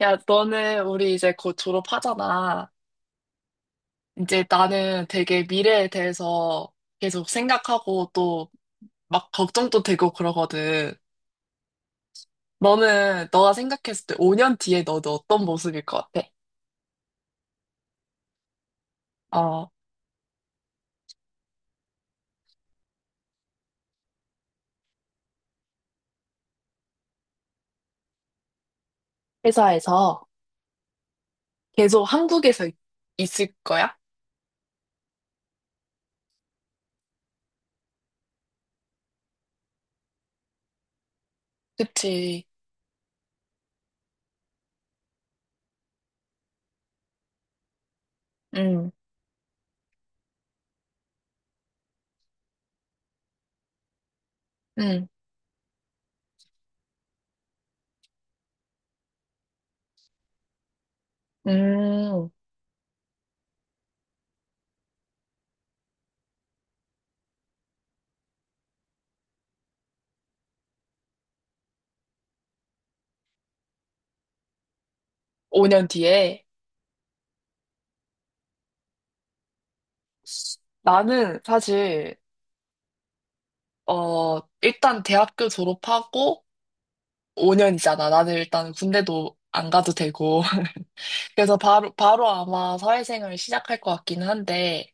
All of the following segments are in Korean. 야, 너는 우리 이제 곧 졸업하잖아. 이제 나는 되게 미래에 대해서 계속 생각하고 또 막 걱정도 되고 그러거든. 너는 너가 생각했을 때 5년 뒤에 너는 어떤 모습일 것 같아? 어, 회사에서 계속 한국에서 있을 거야? 그치. 응, 응, 음, 5년 뒤에. 나는 사실, 일단 대학교 졸업하고 5년이잖아. 나는 일단 군대도 안 가도 되고. 그래서 바로 아마 사회생활 시작할 것 같기는 한데,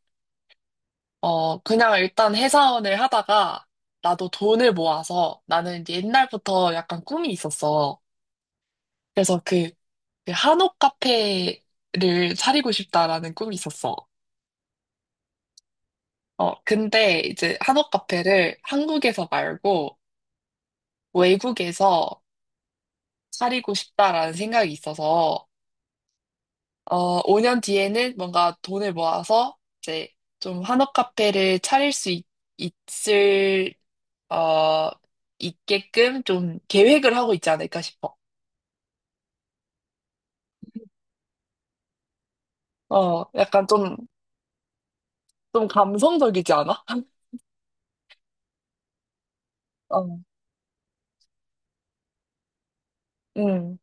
그냥 일단 회사원을 하다가 나도 돈을 모아서 나는 이제 옛날부터 약간 꿈이 있었어. 그래서 그 한옥 카페를 차리고 싶다라는 꿈이 있었어. 근데 이제 한옥 카페를 한국에서 말고 외국에서 차리고 싶다라는 생각이 있어서 5년 뒤에는 뭔가 돈을 모아서 이제 좀 한옥 카페를 차릴 수 을 어, 있게끔 좀 계획을 하고 있지 않을까 싶어. 약간 좀 감성적이지 않아? 어, 음.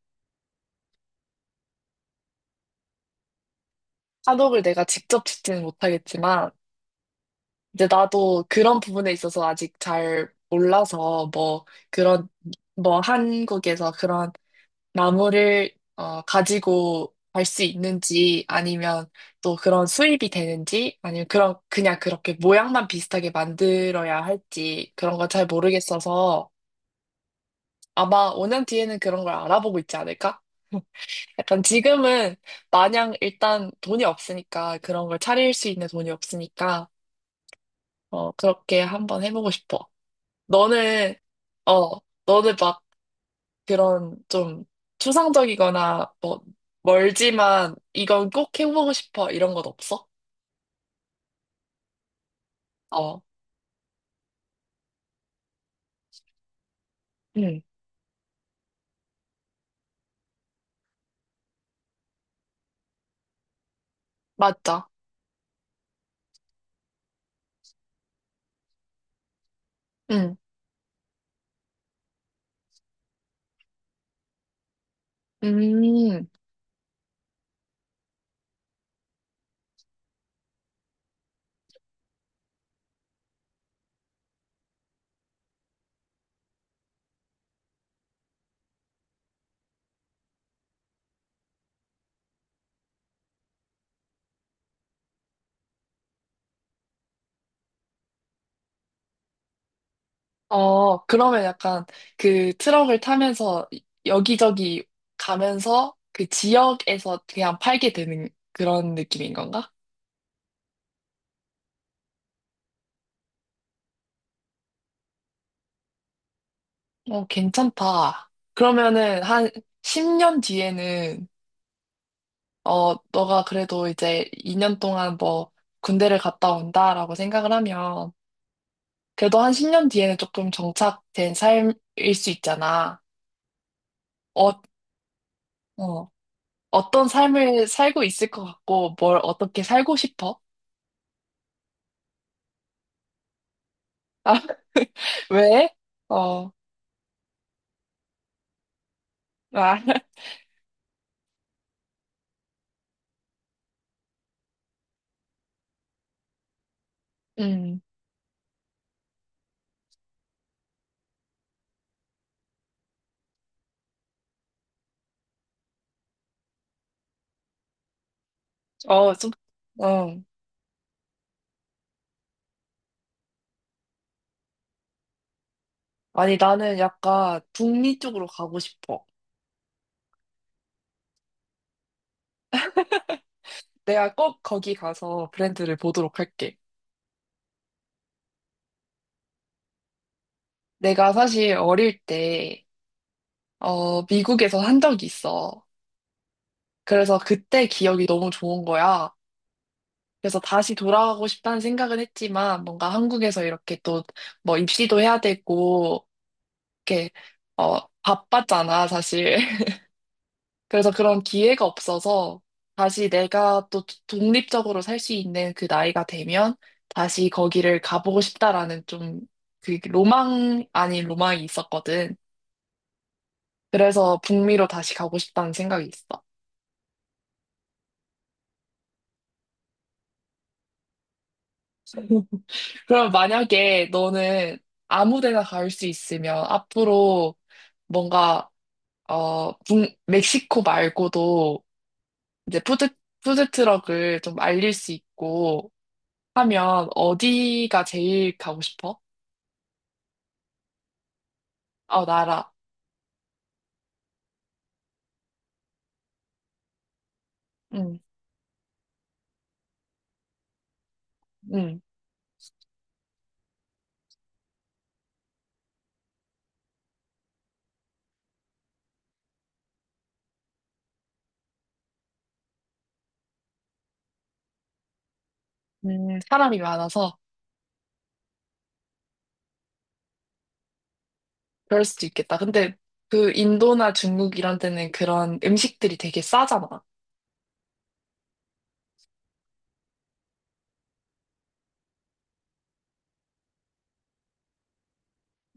한옥을 내가 직접 짓지는 못하겠지만, 이제 나도 그런 부분에 있어서 아직 잘 몰라서, 뭐, 그런, 뭐, 한국에서 그런 나무를 가지고 갈 수 있는지 아니면 또 그런 수입이 되는지 아니면 그런 그냥 그렇게 모양만 비슷하게 만들어야 할지 그런 건 잘 모르겠어서 아마 5년 뒤에는 그런 걸 알아보고 있지 않을까? 약간 지금은 마냥 일단 돈이 없으니까 그런 걸 차릴 수 있는 돈이 없으니까 그렇게 한번 해보고 싶어. 너는 어 너는 그런 좀 추상적이거나 뭐 멀지만 이건 꼭 해보고 싶어 이런 건 없어? 어, 응, 맞죠. 응, 음, 그러면 약간 그 트럭을 타면서 여기저기 가면서 그 지역에서 그냥 팔게 되는 그런 느낌인 건가? 괜찮다. 그러면은 한 10년 뒤에는 너가 그래도 이제 2년 동안 뭐 군대를 갔다 온다라고 생각을 하면 그래도 한 10년 뒤에는 조금 정착된 삶일 수 있잖아. 어, 어, 어떤 삶을 살고 있을 것 같고, 뭘 어떻게 살고 싶어? 아, 왜? 어, 아, 음, 어, 좀, 어. 아니, 나는 약간 북미 쪽으로 가고 싶어. 내가 꼭 거기 가서 브랜드를 보도록 할게. 내가 사실 어릴 때, 미국에서 한 적이 있어. 그래서 그때 기억이 너무 좋은 거야. 그래서 다시 돌아가고 싶다는 생각은 했지만 뭔가 한국에서 이렇게 또 뭐 입시도 해야 되고 이렇게 바빴잖아 사실. 그래서 그런 기회가 없어서 다시 내가 또 독립적으로 살 수 있는 그 나이가 되면 다시 거기를 가보고 싶다라는 좀 그 로망 아닌 로망이 있었거든. 그래서 북미로 다시 가고 싶다는 생각이 있어. 그럼 만약에 너는 아무 데나 갈 수 있으면 앞으로 뭔가 멕시코 말고도 이제 푸드트럭을 좀 알릴 수 있고 하면 어디가 제일 가고 싶어? 어, 나라. 응, 응, 사람이 많아서 그럴 수도 있겠다. 근데 그 인도나 중국 이런 데는 그런 음식들이 되게 싸잖아.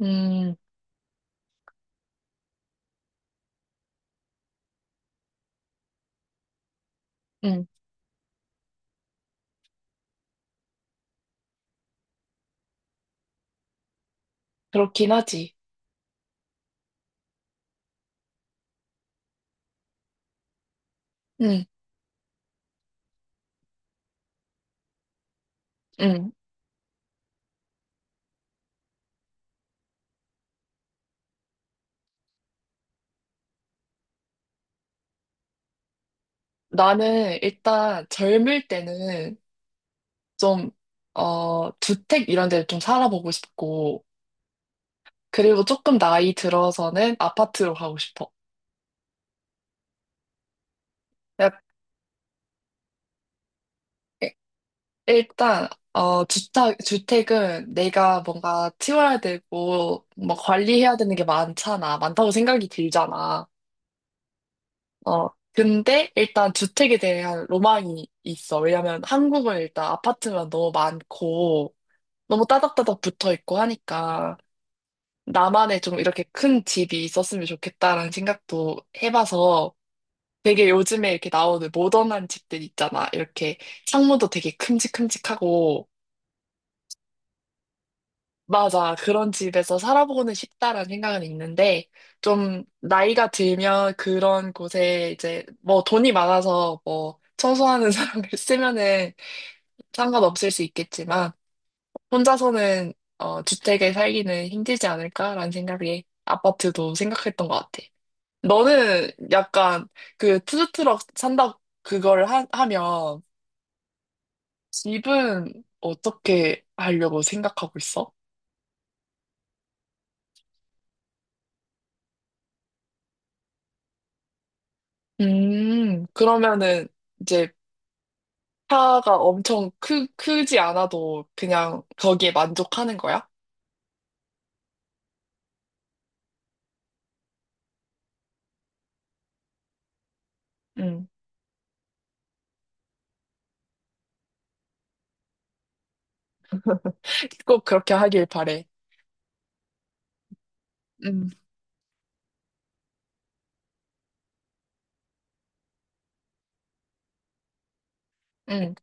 음, 음, 그렇긴 하지. 음, 음. 나는 일단 젊을 때는 좀, 주택 이런 데를 좀 살아보고 싶고, 그리고 조금 나이 들어서는 아파트로 가고 싶어. 약- 일단, 주택은 내가 뭔가 치워야 되고, 뭐 관리해야 되는 게 많잖아. 많다고 생각이 들잖아. 근데 일단 주택에 대한 로망이 있어. 왜냐면 한국은 일단 아파트만 너무 많고, 너무 따닥따닥 붙어 있고 하니까, 나만의 좀 이렇게 큰 집이 있었으면 좋겠다라는 생각도 해봐서, 되게 요즘에 이렇게 나오는 모던한 집들 있잖아. 이렇게 창문도 되게 큼직큼직하고. 맞아. 그런 집에서 살아보고는 싶다라는 생각은 있는데, 좀 나이가 들면 그런 곳에 이제 뭐 돈이 많아서 뭐 청소하는 사람을 쓰면은 상관없을 수 있겠지만, 혼자서는 주택에 살기는 힘들지 않을까라는 생각에 아파트도 생각했던 것 같아. 너는 약간 그 푸드트럭 산다 그걸 하면 집은 어떻게 하려고 생각하고 있어? 그러면은 이제 차가 엄청 크지 않아도 그냥 거기에 만족하는 거야? 음, 꼭 그렇게 하길 바래. 음, 음.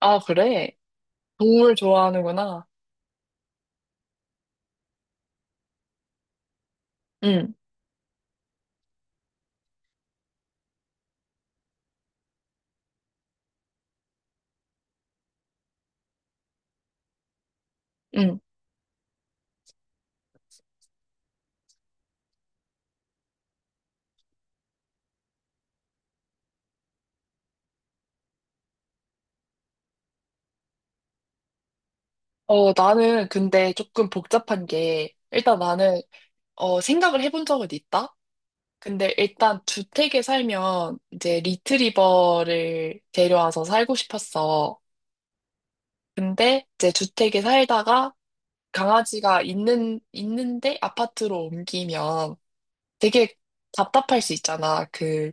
아, 그래? 동물 좋아하는구나. 음, 음. 나는 근데 조금 복잡한 게, 일단 나는, 생각을 해본 적은 있다? 근데 일단 주택에 살면 이제 리트리버를 데려와서 살고 싶었어. 근데 이제 주택에 살다가 강아지가 있는데 아파트로 옮기면 되게 답답할 수 있잖아. 그,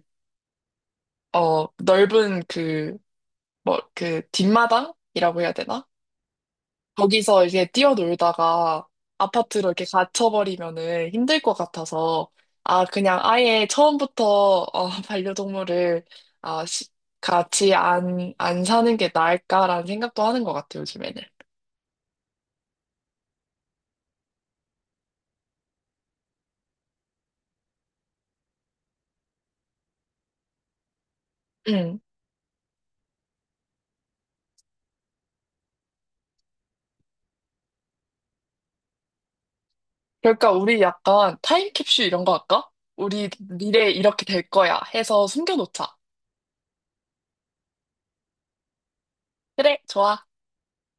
어, 넓은 뭐, 그 뒷마당이라고 해야 되나? 거기서 이제 뛰어놀다가 아파트로 이렇게 갇혀버리면은 힘들 것 같아서, 아, 그냥 아예 처음부터, 반려동물을, 아, 같이 안 사는 게 나을까라는 생각도 하는 것 같아, 요즘에는. 응. 그러니까 우리 약간 타임캡슐 이런 거 할까? 우리 미래에 이렇게 될 거야 해서 숨겨놓자. 그래, 좋아.